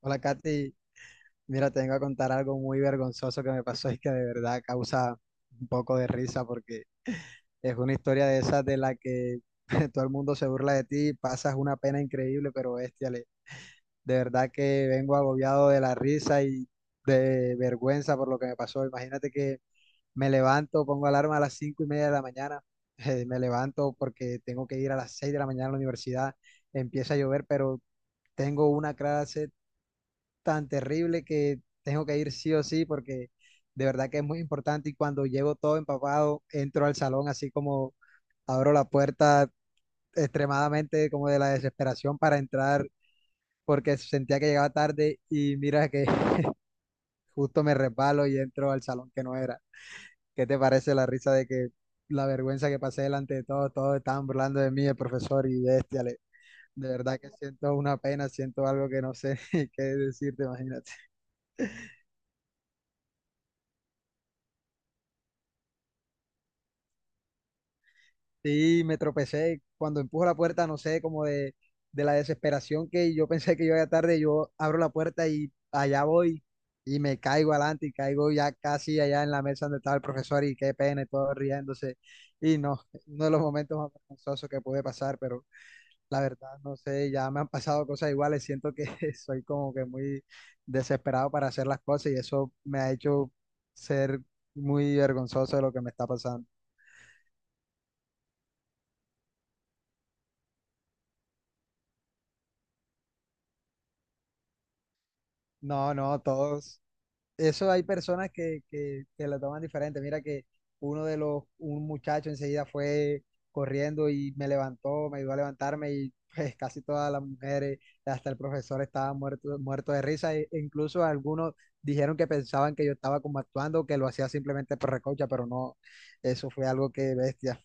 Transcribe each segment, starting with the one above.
Hola, Katy. Mira, te vengo a contar algo muy vergonzoso que me pasó y que de verdad causa un poco de risa porque es una historia de esas de la que todo el mundo se burla de ti, pasas una pena increíble, pero bestiale. De verdad que vengo agobiado de la risa y de vergüenza por lo que me pasó. Imagínate que me levanto, pongo alarma a las 5:30 de la mañana. Me levanto porque tengo que ir a las 6 de la mañana a la universidad, empieza a llover, pero tengo una clase tan terrible que tengo que ir sí o sí porque de verdad que es muy importante, y cuando llego todo empapado, entro al salón así como, abro la puerta extremadamente, como de la desesperación para entrar porque sentía que llegaba tarde, y mira que justo me resbalo y entro al salón que no era. ¿Qué te parece la risa de que la vergüenza que pasé delante de todos? Todos estaban burlando de mí, el profesor y bestia, le- de verdad que siento una pena, siento algo que no sé qué decirte, imagínate. Sí, me tropecé. Cuando empujo la puerta, no sé, como de la desesperación que yo pensé que yo iba tarde, yo abro la puerta y allá voy y me caigo adelante y caigo ya casi allá en la mesa donde estaba el profesor, y qué pena, y todo riéndose. Y no, uno de los momentos más vergonzosos que pude pasar. Pero la verdad, no sé, ya me han pasado cosas iguales. Siento que soy como que muy desesperado para hacer las cosas, y eso me ha hecho ser muy vergonzoso de lo que me está pasando. No, no, todos. Eso hay personas que lo toman diferente. Mira que uno de los, un muchacho enseguida fue corriendo y me levantó, me ayudó a levantarme, y pues casi todas las mujeres, hasta el profesor estaba muerto, muerto de risa. E incluso algunos dijeron que pensaban que yo estaba como actuando, que lo hacía simplemente por recocha, pero no, eso fue algo que bestia.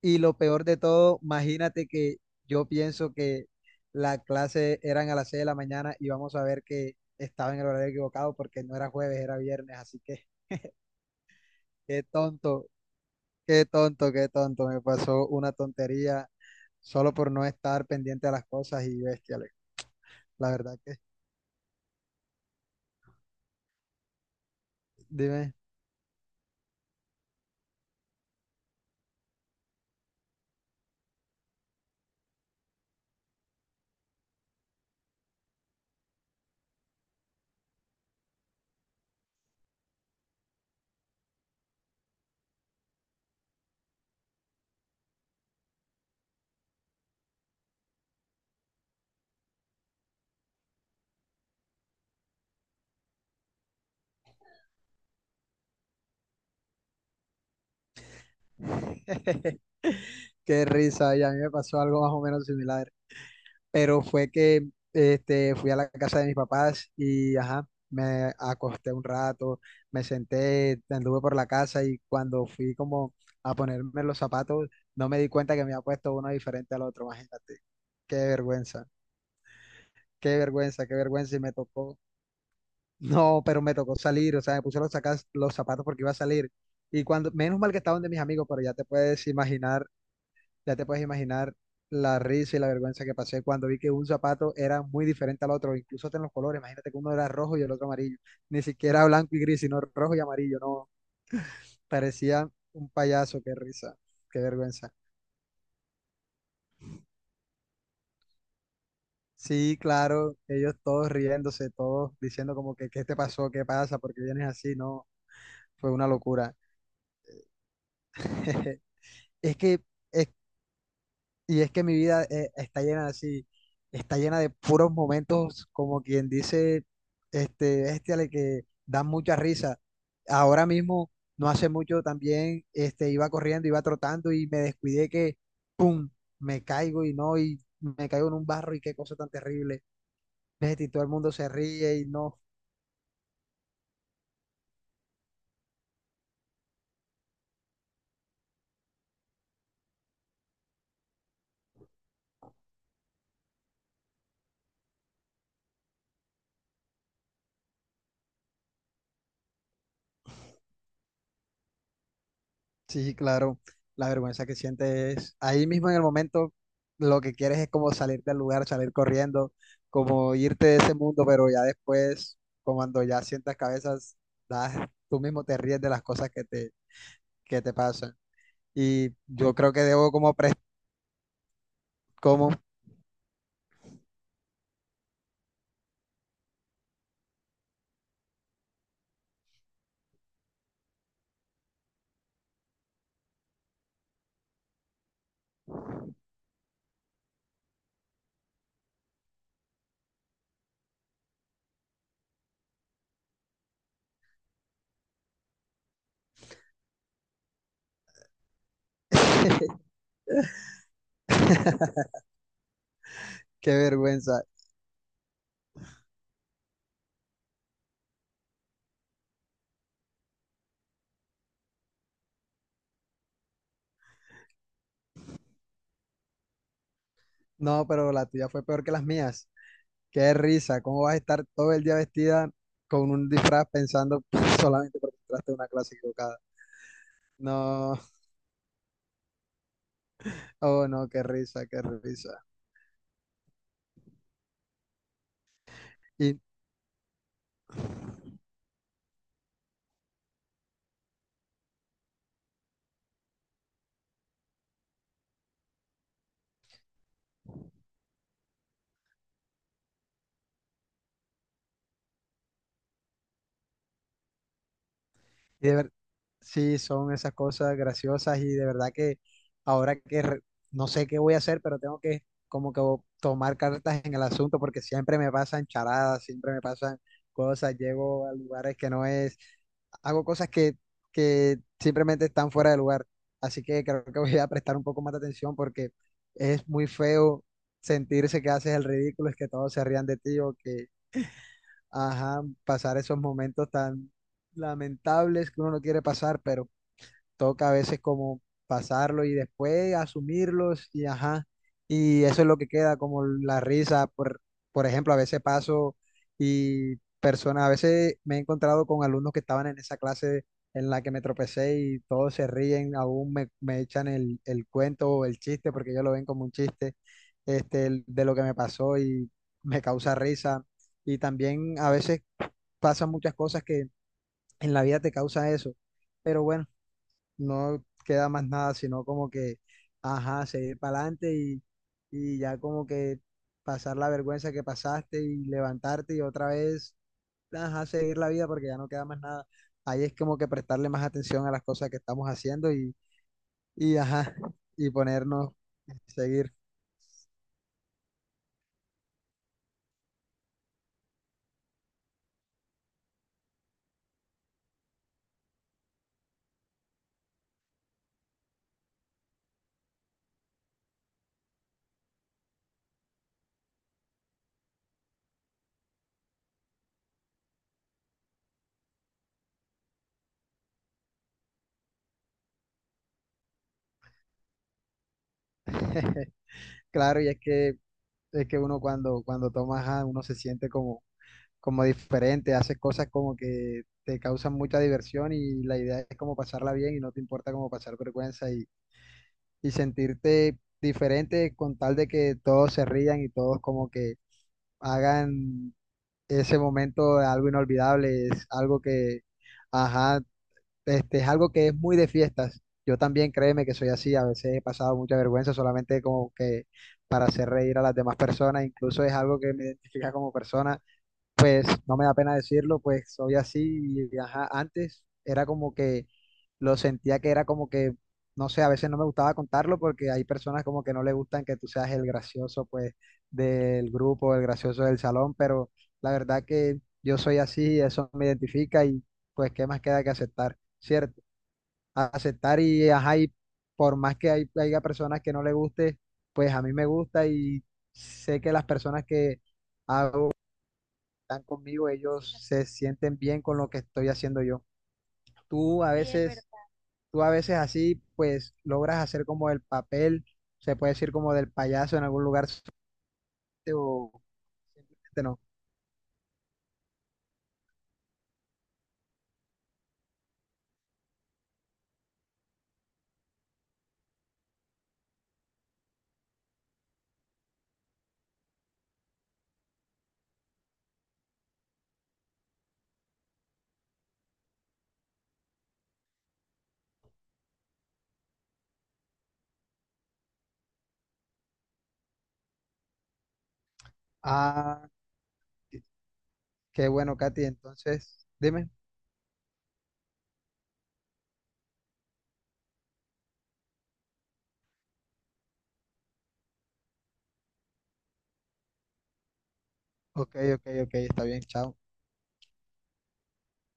Y lo peor de todo, imagínate que yo pienso que la clase eran a las 6 de la mañana, y vamos a ver que estaba en el horario equivocado porque no era jueves, era viernes. Así que qué tonto, qué tonto, qué tonto. Me pasó una tontería solo por no estar pendiente a las cosas, y bestia, Alex. La verdad que, dime, qué risa. Y a mí me pasó algo más o menos similar. Pero fue que fui a la casa de mis papás y ajá, me acosté un rato, me senté, anduve por la casa, y cuando fui como a ponerme los zapatos, no me di cuenta que me había puesto uno diferente al otro, imagínate, qué vergüenza, qué vergüenza, qué vergüenza, y me tocó, no, pero me tocó salir, o sea, me puse los, sacas- los zapatos porque iba a salir. Y cuando, menos mal que estaban de mis amigos, pero ya te puedes imaginar la risa y la vergüenza que pasé cuando vi que un zapato era muy diferente al otro, incluso hasta en los colores. Imagínate que uno era rojo y el otro amarillo. Ni siquiera blanco y gris, sino rojo y amarillo. No, parecía un payaso. Qué risa, qué vergüenza. Sí, claro, ellos todos riéndose, todos diciendo como que, ¿qué te pasó? ¿Qué pasa? ¿Por qué vienes así? No, fue una locura. Es que es Y es que mi vida está llena así, está llena de puros momentos, como quien dice, le que dan mucha risa. Ahora mismo, no hace mucho también, iba corriendo, iba trotando, y me descuidé que, pum, me caigo, y no, y me caigo en un barro y qué cosa tan terrible. Bestia. Y todo el mundo se ríe y no. Sí, claro, la vergüenza que sientes es ahí mismo en el momento. Lo que quieres es como salir del lugar, salir corriendo, como irte de ese mundo, pero ya después, como cuando ya sientas cabezas, das, tú mismo te ríes de las cosas que te pasan. Y yo creo que debo como, como, qué vergüenza. No, pero la tuya fue peor que las mías. Qué risa, ¿cómo vas a estar todo el día vestida con un disfraz pensando solamente porque entraste a una clase equivocada? No. Oh, no, qué risa, qué risa. Y, y de ver, sí, son esas cosas graciosas, y de verdad que ahora que re- no sé qué voy a hacer, pero tengo que como que tomar cartas en el asunto porque siempre me pasan charadas, siempre me pasan cosas, llego a lugares que no es, hago cosas que simplemente están fuera de lugar. Así que creo que voy a prestar un poco más de atención porque es muy feo sentirse que haces el ridículo, es que todos se rían de ti, o que ajá, pasar esos momentos tan lamentables que uno no quiere pasar, pero toca a veces como pasarlo y después asumirlos, y ajá, y eso es lo que queda, como la risa, por ejemplo. A veces paso y personas, a veces me he encontrado con alumnos que estaban en esa clase en la que me tropecé, y todos se ríen, aún me echan el cuento o el chiste, porque ellos lo ven como un chiste, de lo que me pasó, y me causa risa. Y también a veces pasan muchas cosas que en la vida te causa eso. Pero bueno, no queda más nada, sino como que, ajá, seguir para adelante, y ya como que pasar la vergüenza que pasaste y levantarte, y otra vez, ajá, seguir la vida porque ya no queda más nada. Ahí es como que prestarle más atención a las cosas que estamos haciendo, y ajá, y ponernos, seguir. Claro, y es que, uno cuando toma, ajá, uno se siente como, como diferente, haces cosas como que te causan mucha diversión, y la idea es como pasarla bien y no te importa como pasar vergüenza, y sentirte diferente con tal de que todos se rían y todos como que hagan ese momento algo inolvidable. Es algo que, ajá, es algo que es muy de fiestas. Yo también créeme que soy así, a veces he pasado mucha vergüenza solamente como que para hacer reír a las demás personas. Incluso es algo que me identifica como persona, pues no me da pena decirlo, pues soy así, y ajá, antes era como que lo sentía que era como que, no sé, a veces no me gustaba contarlo porque hay personas como que no le gustan que tú seas el gracioso, pues del grupo, el gracioso del salón, pero la verdad que yo soy así, eso me identifica, y pues qué más queda que aceptar, ¿cierto? A- aceptar y ajá, y por más que haya personas que no le guste, pues a mí me gusta, y sé que las personas que están conmigo, ellos se sienten bien con lo que estoy haciendo yo. Tú a, sí, es verdad, veces, tú a veces así, pues logras hacer como el papel, se puede decir como del payaso en algún lugar, o simplemente no. Ah, qué qué bueno, Katy. Entonces, dime. Ok, ok, ok, está bien, chao.